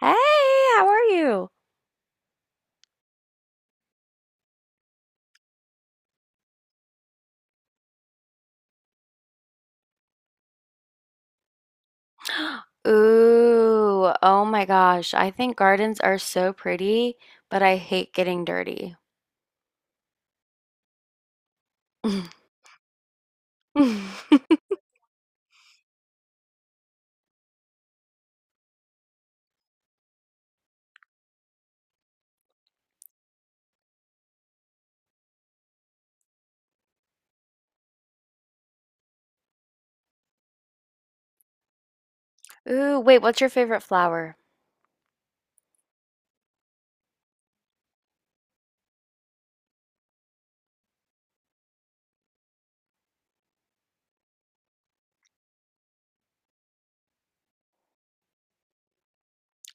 Hey, how are you? Ooh, oh my gosh. I think gardens are so pretty, but I hate getting dirty. Ooh, wait, what's your favorite flower?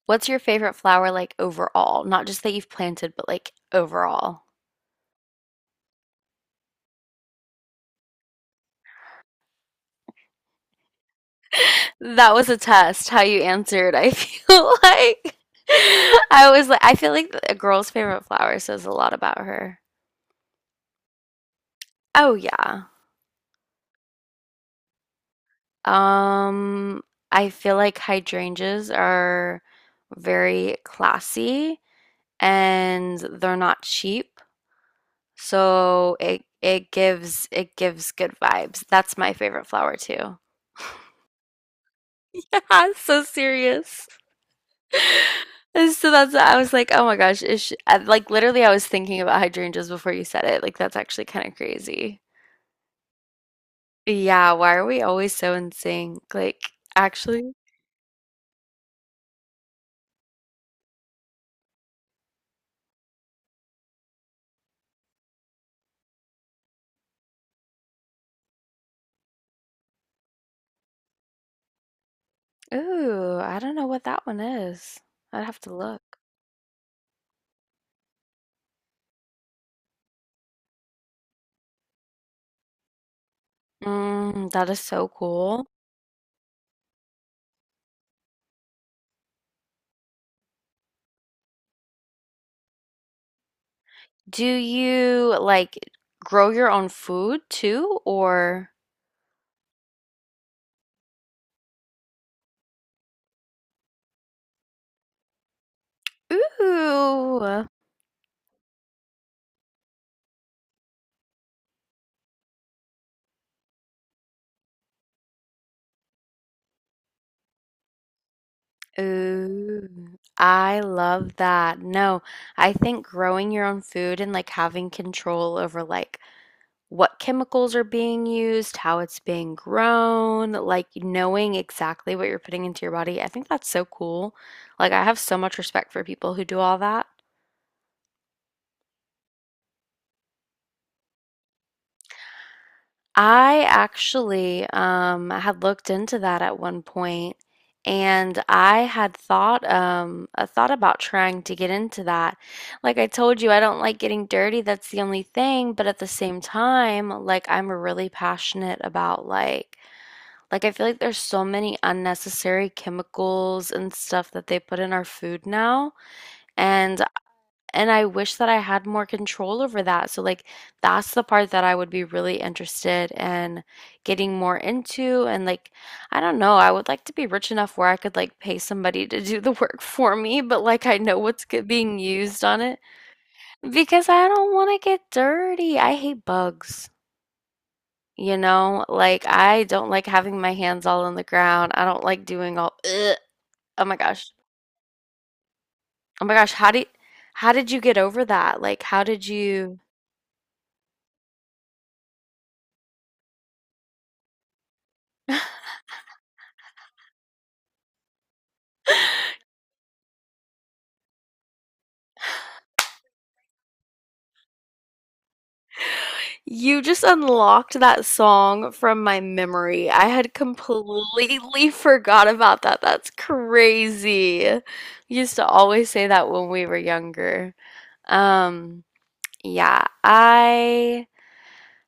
What's your favorite flower like overall? Not just that you've planted, but like overall. That was a test, how you answered. I feel like I was like, I feel like a girl's favorite flower says a lot about her. Oh, yeah. Um, I feel like hydrangeas are very classy and they're not cheap, so it gives good vibes. That's my favorite flower too. Yeah, it's so serious. And so that's I was like, oh my gosh, is she, like literally I was thinking about hydrangeas before you said it. Like that's actually kind of crazy. Yeah, why are we always so in sync? Like actually. Ooh, I don't know what that one is. I'd have to look. Mm, that is so cool. Do you like grow your own food too, or? Ooh, ooh, I love that. No, I think growing your own food and like having control over like what chemicals are being used, how it's being grown, like knowing exactly what you're putting into your body. I think that's so cool. Like I have so much respect for people who do all that. I actually had looked into that at one point, and I thought about trying to get into that. Like I told you, I don't like getting dirty. That's the only thing. But at the same time, like I'm really passionate about like I feel like there's so many unnecessary chemicals and stuff that they put in our food now, and and I wish that I had more control over that. So like that's the part that I would be really interested in getting more into and like I don't know, I would like to be rich enough where I could like pay somebody to do the work for me, but like I know what's being used on it because I don't want to get dirty. I hate bugs. You know, like I don't like having my hands all on the ground. I don't like doing all, ugh. Oh my gosh. Oh my gosh, how did you get over that? Like how did you You just unlocked that song from my memory. I had completely forgot about that. That's crazy. We used to always say that when we were younger. Um, yeah, I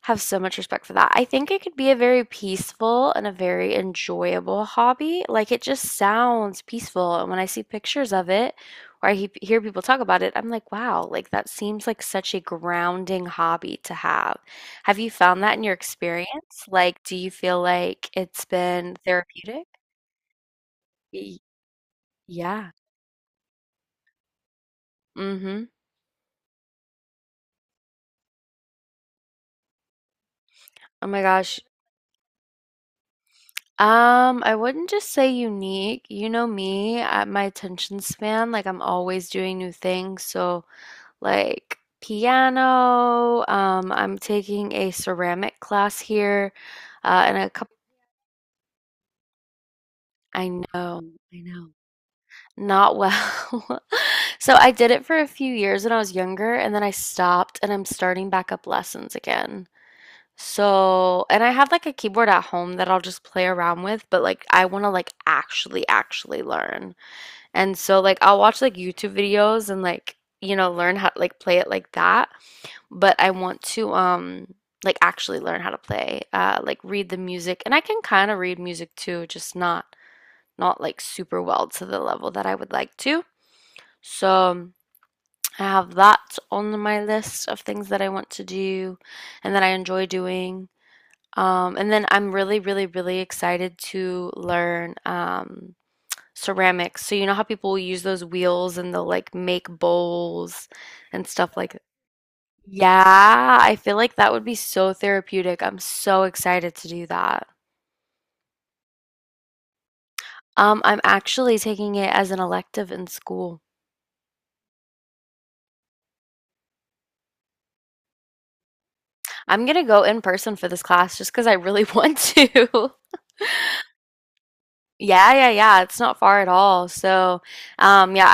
have so much respect for that. I think it could be a very peaceful and a very enjoyable hobby. Like it just sounds peaceful. And when I see pictures of it or I he hear people talk about it, I'm like, wow, like that seems like such a grounding hobby to have. Have you found that in your experience? Like, do you feel like it's been therapeutic? Y- yeah. Mm-hmm. Oh my gosh. I wouldn't just say unique. You know me, at my attention span, like I'm always doing new things. So like piano. I'm taking a ceramic class here, and a couple. I know, I know, not well. So I did it for a few years when I was younger, and then I stopped, and I'm starting back up lessons again. So, and I have like a keyboard at home that I'll just play around with, but like I want to like actually learn. And so like I'll watch like YouTube videos and like you know learn how like play it like that. But I want to like actually learn how to play, like read the music and I can kind of read music too, just not like super well to the level that I would like to. So, I have that on my list of things that I want to do and that I enjoy doing. And then I'm really, really, really excited to learn ceramics. So you know how people use those wheels and they'll like make bowls and stuff like yeah, I feel like that would be so therapeutic. I'm so excited to do that. I'm actually taking it as an elective in school. I'm gonna go in person for this class just because I really want to. Yeah, yeah, yeah. It's not far at all. So, yeah,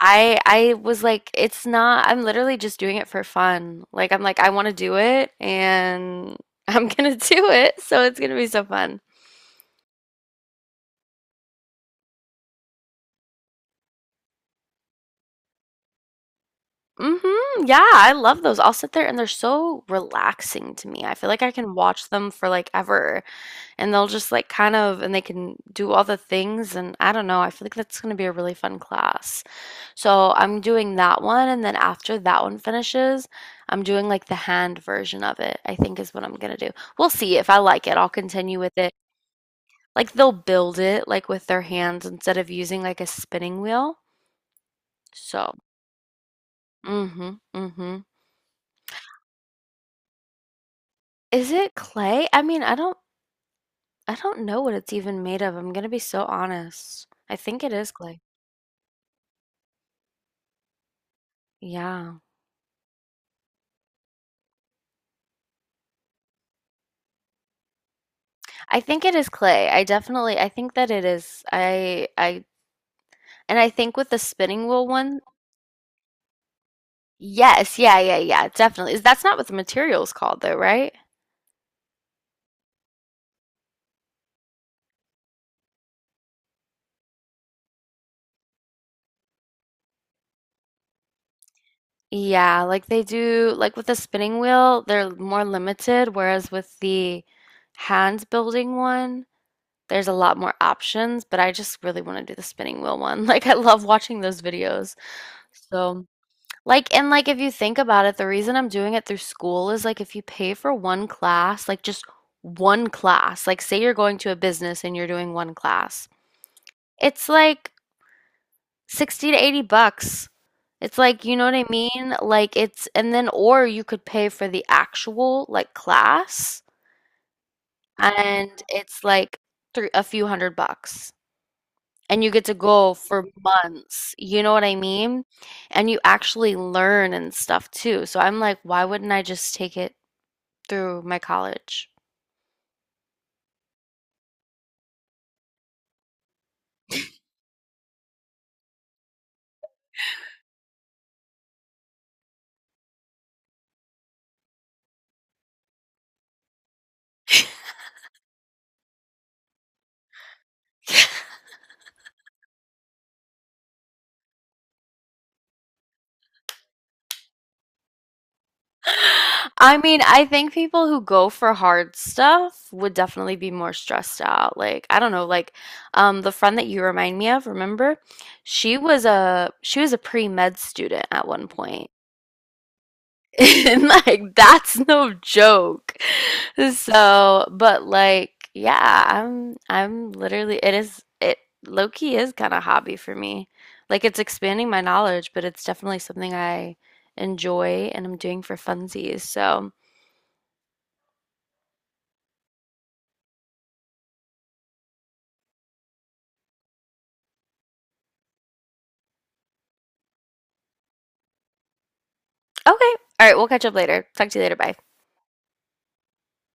I was like, it's not, I'm literally just doing it for fun. Like, I'm like, I want to do it and I'm gonna do it. So it's gonna be so fun. Mhm. Yeah, I love those. I'll sit there and they're so relaxing to me. I feel like I can watch them for like ever and they'll just like kind of and they can do all the things and I don't know. I feel like that's going to be a really fun class. So, I'm doing that one and then after that one finishes, I'm doing like the hand version of it. I think is what I'm going to do. We'll see if I like it. I'll continue with it. Like they'll build it like with their hands instead of using like a spinning wheel. So, mhm. Mhm. Is it clay? I mean, I don't know what it's even made of, I'm gonna be so honest. I think it is clay. Yeah. I think it is clay. I think that it is. I and I think with the spinning wheel one, yes, yeah, yeah, yeah, definitely. Is That's not what the material's called though, right? Yeah, like they do like with the spinning wheel, they're more limited, whereas with the hand building one, there's a lot more options, but I just really want to do the spinning wheel one. Like I love watching those videos. So, like and, like, if you think about it, the reason I'm doing it through school is, like, if you pay for one class, like, just one class, like, say you're going to a business and you're doing one class, it's, like, 60 to 80 bucks. It's, like you know what I mean? Like, it's and then or you could pay for the actual, like, class, and it's, like, three a few 100 bucks. And you get to go for months. You know what I mean? And you actually learn and stuff too. So I'm like, why wouldn't I just take it through my college? I mean, I think people who go for hard stuff would definitely be more stressed out. Like, I don't know, like the friend that you remind me of, remember? She was a pre-med student at one point. And like that's no joke. So, but like yeah, I'm literally it low key is kind of hobby for me. Like it's expanding my knowledge, but it's definitely something I enjoy and I'm doing for funsies. So, okay. All right, we'll catch up later. Talk to you later. Bye.